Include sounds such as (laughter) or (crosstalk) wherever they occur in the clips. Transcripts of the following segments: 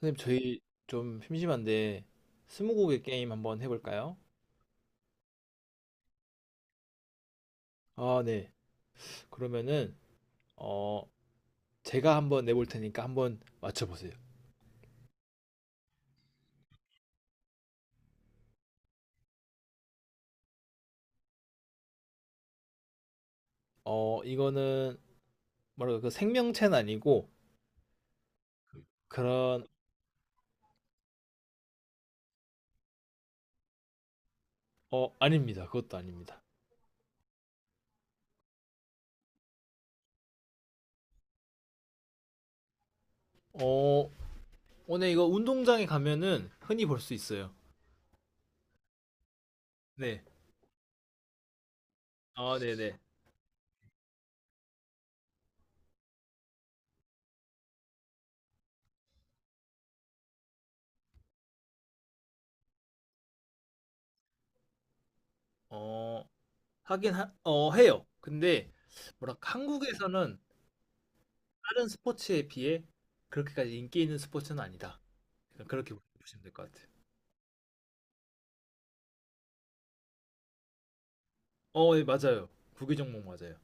선생님, 저희 좀 심심한데 스무고개 게임 한번 해볼까요? 아, 네. 그러면은 어 제가 한번 내볼 테니까 한번 맞춰보세요. 이거는 뭐랄까 그 생명체는 아니고 그런 어 아닙니다. 그것도 아닙니다. 어 오늘 이거 운동장에 가면은 흔히 볼 수 있어요. 네. 아, 네네. 어 하긴 하, 해요. 근데 뭐랄까 한국에서는 다른 스포츠에 비해 그렇게까지 인기 있는 스포츠는 아니다. 그렇게 보시면 될 것 같아요. 어, 예, 맞아요. 구기 종목 맞아요.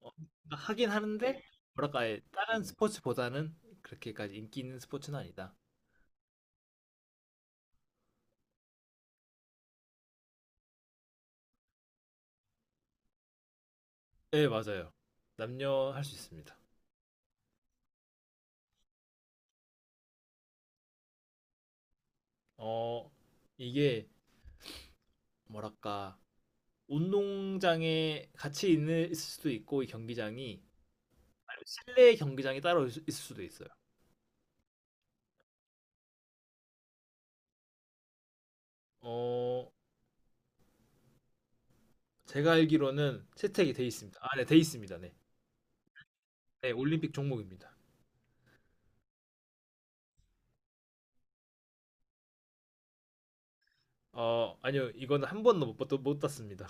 어, 하긴 하는데 뭐랄까 아예 다른 스포츠보다는 그렇게까지 인기 있는 스포츠는 아니다. 예, 맞아요. 남녀 할 수 있습니다. 어, 이게 뭐랄까 운동장에 같이 있는 있을 수도 있고 이 경기장이 아니면 실내 경기장이 따로 있- 있을 수도 있어요. 어, 제가 알기로는 채택이 돼 있습니다. 아, 네, 돼 있습니다. 네, 네, 올림픽 종목입니다. 어, 아니요, 이거는 한 번도 못, 봤- 못 땄습니다.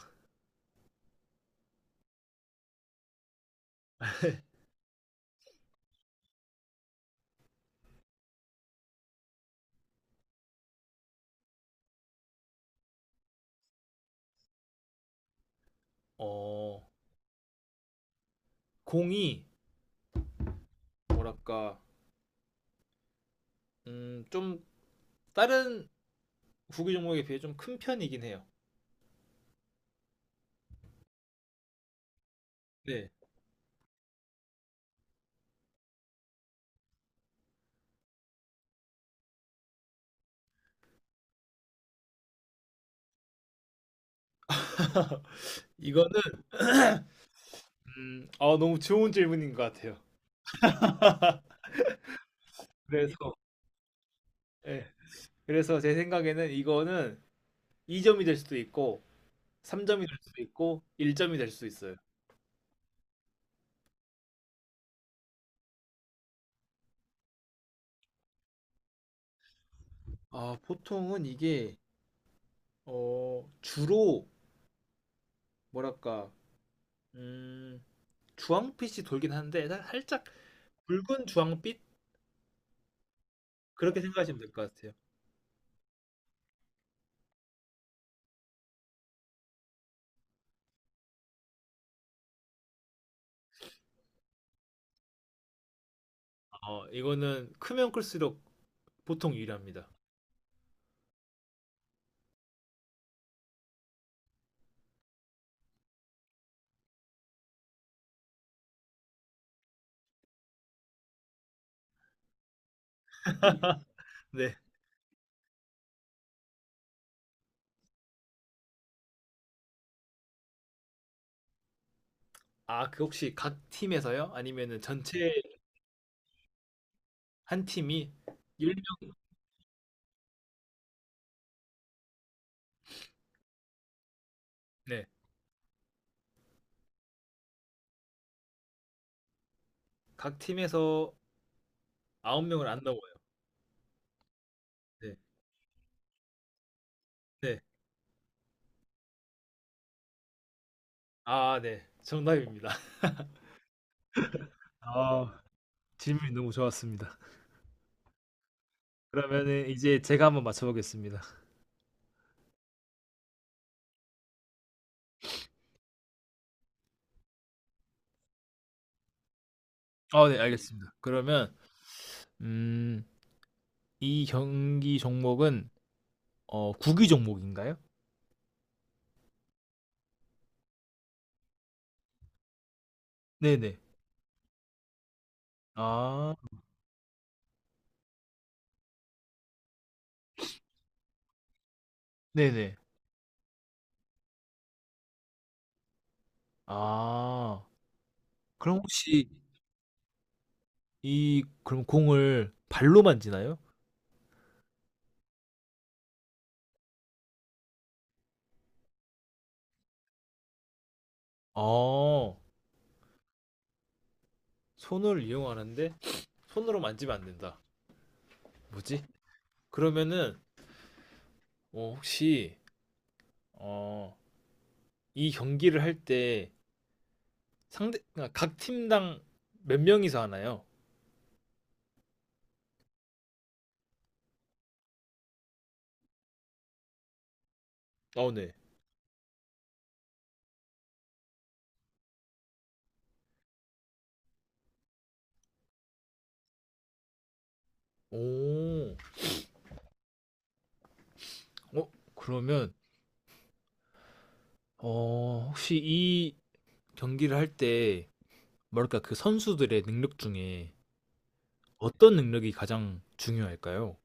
어, 공이 뭐랄까 좀 다른 구기 종목에 비해 좀 큰 편이긴 해요. 네. (laughs) 이거는 아, 너무 좋은 질문인 것 같아요. 그래서 예. 그래서 제 생각에는 이거는 2점이 될 수도 있고 3점이 될 수도 있고 1점이 될 수도 있어요. 아, 보통은 이게 어, 주로 뭐랄까 음, 주황빛이 돌긴 하는데 살- 살짝 붉은 주황빛 그렇게 생각하시면 될 것 같아요. 어, 이거는 크면 클수록 보통 유리합니다. 네. 아, 그 혹시 각 팀에서요? 아니면은 전체 한 팀이 1명 네. 각 팀에서 9명을 안 넘어요. 네. 네. 아, 네. 정답입니다. (laughs) 아, 질문이 너무 좋았습니다. 그러면은 이제 제가 한번 맞춰보겠습니다. 아, 네, 알겠습니다. 그러면 음, 이 경기 종목은 어, 구기 종목인가요? 네네. 아, 네네. 아, 그럼 혹시 이 그럼 공을 발로 만지나요? 어, 손을 이용하는데 손으로 만지면 안 된다. 뭐지? 그러면은 어, 혹시 어, 이 경기를 할 때 상대 아, 각 팀당 몇 명이서 하나요? 어, 네. 오, 어, 그러면 어, 혹시 이 경기를 할 때 뭐랄까 그 선수들의 능력 중에 어떤 능력이 가장 중요할까요?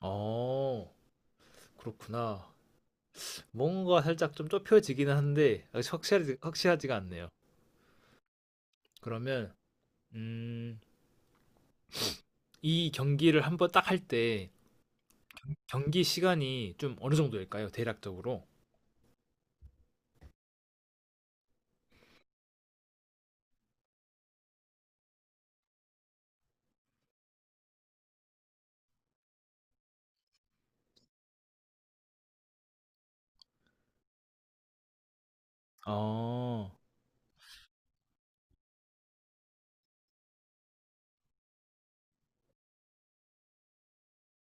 어, 그렇구나. 뭔가 살짝 좀 좁혀지기는 한데 아직 확실하지가 않네요. 그러면 음, 이 경기를 한번 딱 할 때 경기 시간이 좀 어느 정도일까요? 대략적으로? 아,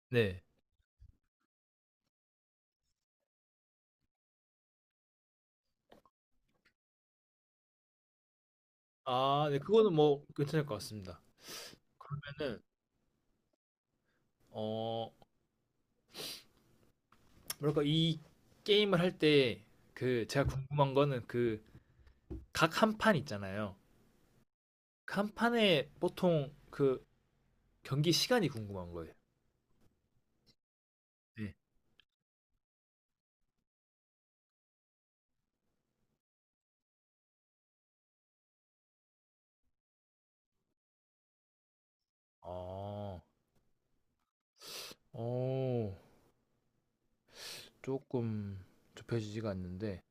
네. 아, 네. 그거는 뭐 괜찮을 것 같습니다. 그러면은 어, 뭐랄까 이 게임을 할 때 그 제가 궁금한 거는 그 각 한 판 있잖아요. 그 한 판에 보통 그 경기 시간이 궁금한 거예요. 네. 어, 어, 조금 좁혀지지가 않는데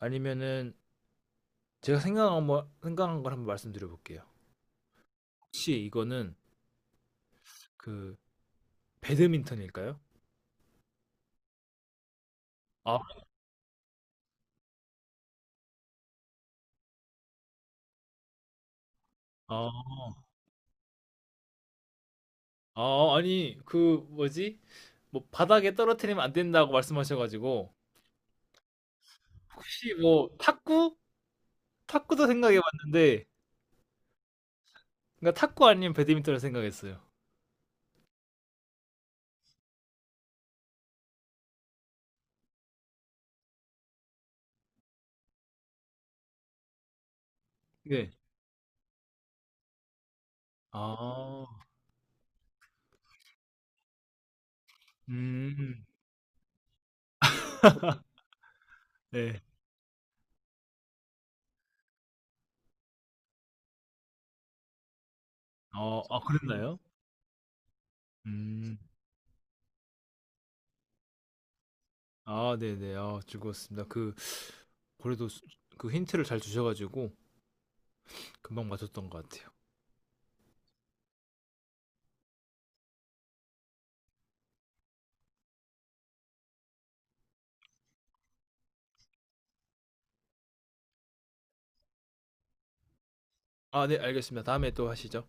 아니면은 제가 생각한 걸 한번 말씀드려 볼게요. 혹시 이거는 그 배드민턴일까요? 아. 아. 아 아니 그 뭐지? 뭐 바닥에 떨어뜨리면 안 된다고 말씀하셔 가지고 혹시 뭐 탁구? 탁구도 생각해 봤는데 그러니까 탁구 아니면 배드민턴을 생각했어요. 네. 아. 음. 네. 어 아 그랬나요? 음. 아 네네. 아 즐거웠습니다. 그 그래도 그 힌트를 잘 주셔 가지고 금방 맞췄던 것 같아요. 아 네 알겠습니다. 다음에 또 하시죠.